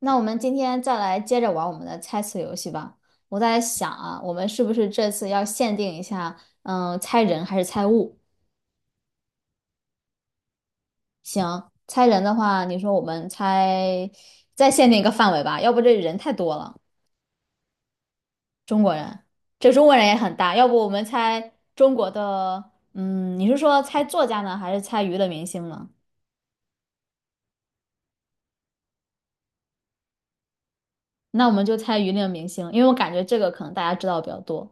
那我们今天再来接着玩我们的猜词游戏吧。我在想啊，我们是不是这次要限定一下，猜人还是猜物？行，猜人的话，你说我们猜，再限定一个范围吧，要不这人太多了。中国人，这中国人也很大，要不我们猜中国的，你是说猜作家呢，还是猜娱乐明星呢？那我们就猜娱乐明星，因为我感觉这个可能大家知道比较多。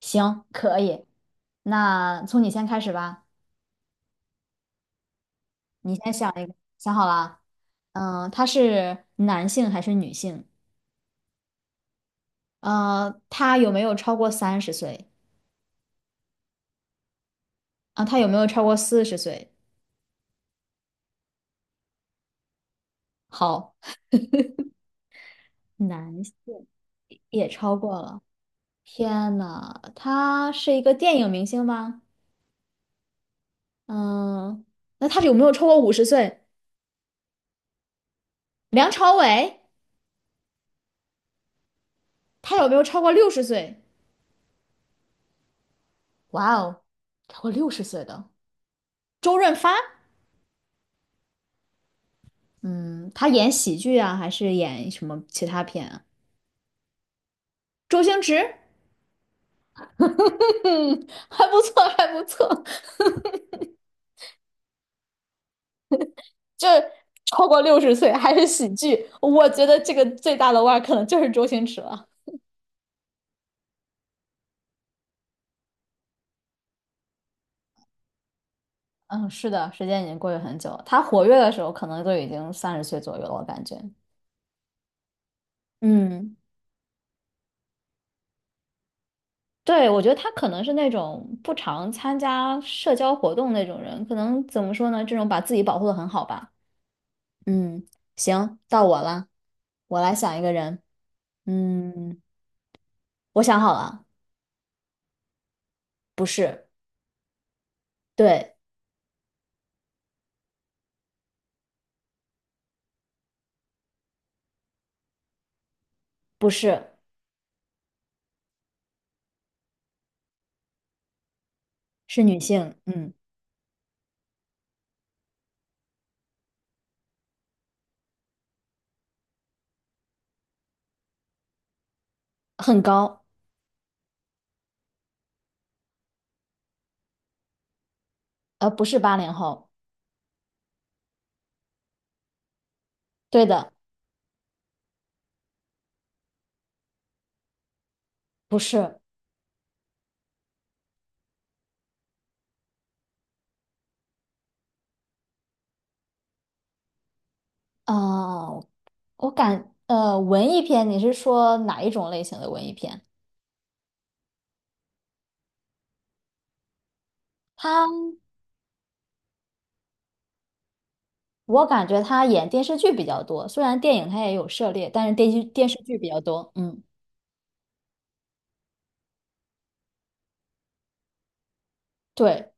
行，可以，那从你先开始吧。你先想一个，想好了啊？他是男性还是女性？他有没有超过三十岁？啊、他有没有超过四十岁？好，男性也超过了。天呐，他是一个电影明星吗？嗯，那他有没有超过50岁？梁朝伟，他有没有超过六十岁？哇哦，超过六十岁的周润发，嗯，他演喜剧啊，还是演什么其他片啊？周星驰。嗯，还不错，还不错，就是超过六十岁还是喜剧，我觉得这个最大的腕儿可能就是周星驰了。嗯，是的，时间已经过去很久了。他活跃的时候，可能都已经三十岁左右了，我感觉。嗯，对，我觉得他可能是那种不常参加社交活动那种人，可能怎么说呢？这种把自己保护的很好吧。嗯，行，到我了，我来想一个人。嗯，我想好了，不是，对，不是。是女性，很高，不是80后，对的，不是，呃，文艺片，你是说哪一种类型的文艺片？他，我感觉他演电视剧比较多，虽然电影他也有涉猎，但是电视剧比较多，对，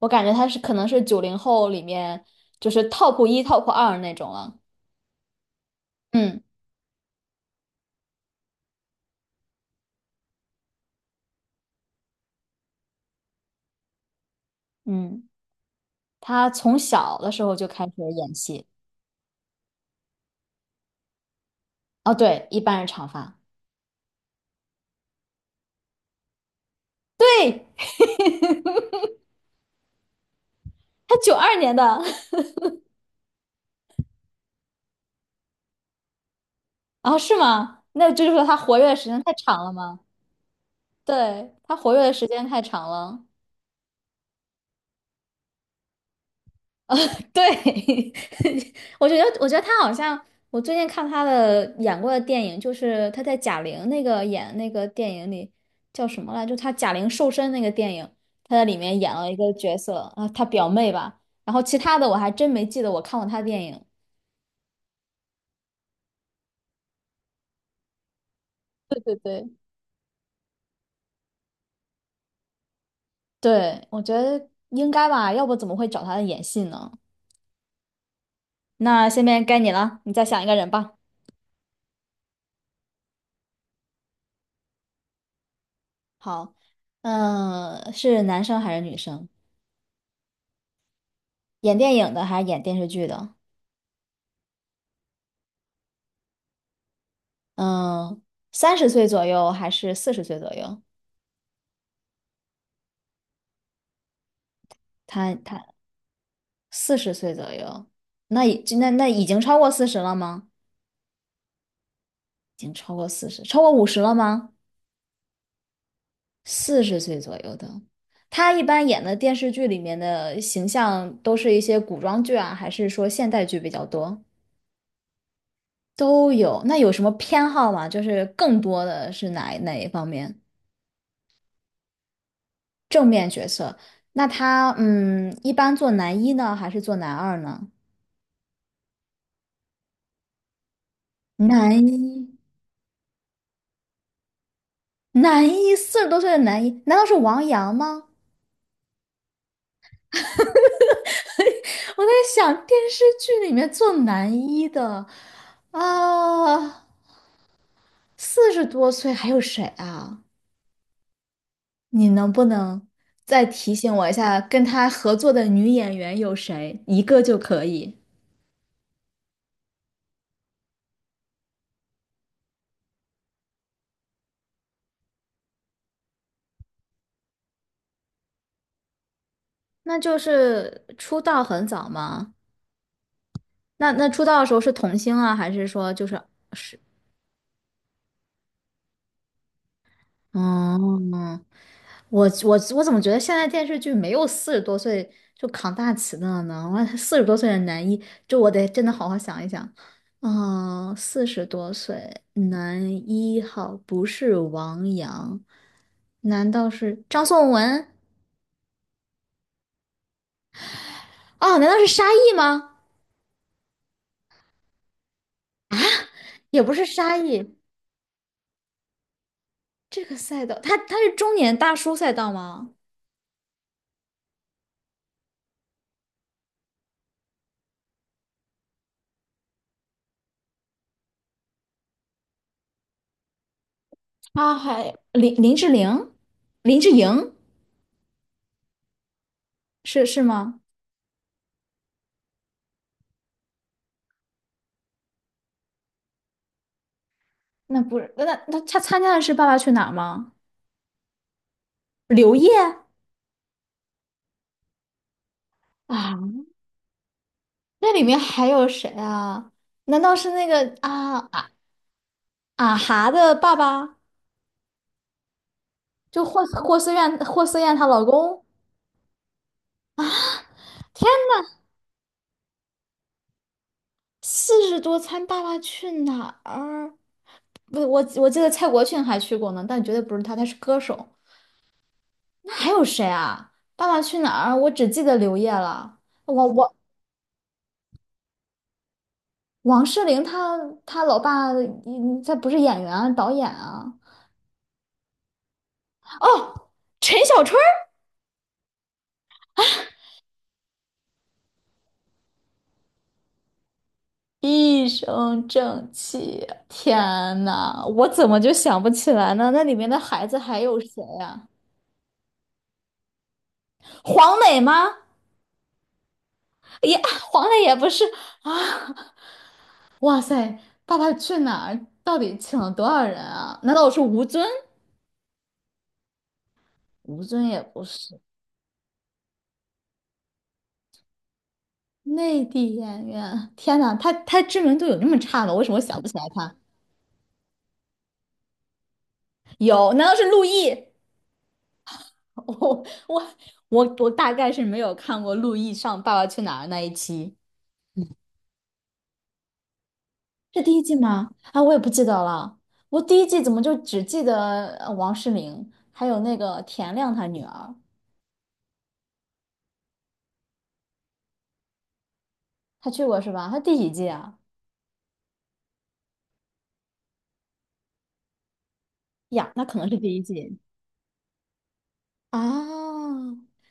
我感觉他是可能是90后里面就是 top 一、top 二那种了，嗯嗯，他从小的时候就开始演戏，哦，对，一般是长发，对，他92年的。啊，是吗？那这就是说他活跃的时间太长了吗？对，他活跃的时间太长了。对，我觉得，我觉得他好像，我最近看他的演过的电影，就是他在贾玲那个演那个电影里叫什么来着就他贾玲瘦身那个电影，他在里面演了一个角色啊，他表妹吧。然后其他的我还真没记得我看过他的电影。对对对，对，我觉得应该吧，要不怎么会找他演戏呢？那下面该你了，你再想一个人吧。好，是男生还是女生？演电影的还是演电视剧的？嗯，三十岁左右还是四十岁左右？他四十岁左右，那已经超过四十了吗？已经超过四十，超过五十了吗？四十岁左右的，他一般演的电视剧里面的形象都是一些古装剧啊，还是说现代剧比较多？都有。那有什么偏好吗？就是更多的是哪一方面？那他一般做男一呢，还是做男二呢？男一，男一，四十多岁的男一，难道是王阳吗？我在想电视剧里面做男一的啊，四十多岁还有谁啊？你能不能再提醒我一下，跟他合作的女演员有谁？一个就可以。那就是出道很早吗？那那出道的时候是童星啊，还是说就是是嗯，我怎么觉得现在电视剧没有四十多岁就扛大旗的了呢？我四十多岁的男一，就我得真的好好想一想。四十多岁男一号不是王阳，难道是张颂文？哦，难道是沙溢吗？也不是沙溢，这个赛道，他是中年大叔赛道吗？他还林志玲、林志颖是是吗？那不是。那他参加的是《爸爸去哪儿》吗？刘烨啊，那里面还有谁啊？难道是那个啊哈的爸爸？就霍思燕她老公？天啊，四十多参《爸爸去哪儿》，不，我记得蔡国庆还去过呢，但绝对不是他，他是歌手。那还有谁啊？《爸爸去哪儿》，我只记得刘烨了。王王王诗龄她老爸，他不是演员啊，导演啊。哦，陈小春儿一身正气。天呐，我怎么就想不起来呢？那里面的孩子还有谁呀、黄磊吗？也黄磊也不是啊！哇塞，《爸爸去哪儿》到底请了多少人啊？难道我是吴尊？吴尊也不是内地演员。天呐，他知名度有那么差吗？为什么我想不起来他？有，难道是陆毅？我我我大概是没有看过陆毅上《爸爸去哪儿》那一期，是第一季吗？啊，我也不记得了。我第一季怎么就只记得王诗龄，还有那个田亮他女儿，他去过是吧？他第几季啊？呀，那可能是第一季啊。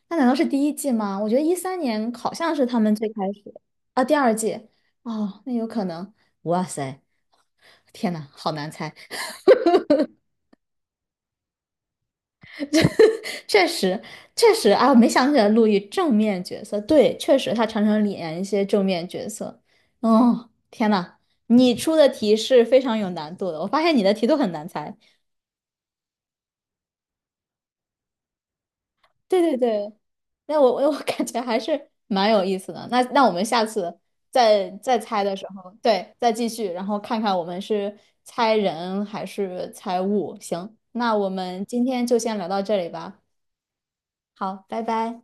那难道是第一季吗？我觉得13年好像是他们最开始啊，第二季哦，那有可能。哇塞，天呐，好难猜。确实，确实啊，没想起来陆毅正面角色，对，确实他常常演一些正面角色。哦，天呐，你出的题是非常有难度的，我发现你的题都很难猜。对对对，那我 感觉还是蛮有意思的。那我们下次再猜的时候，对，再继续，然后看看我们是猜人还是猜物。行，那我们今天就先聊到这里吧。好，拜拜。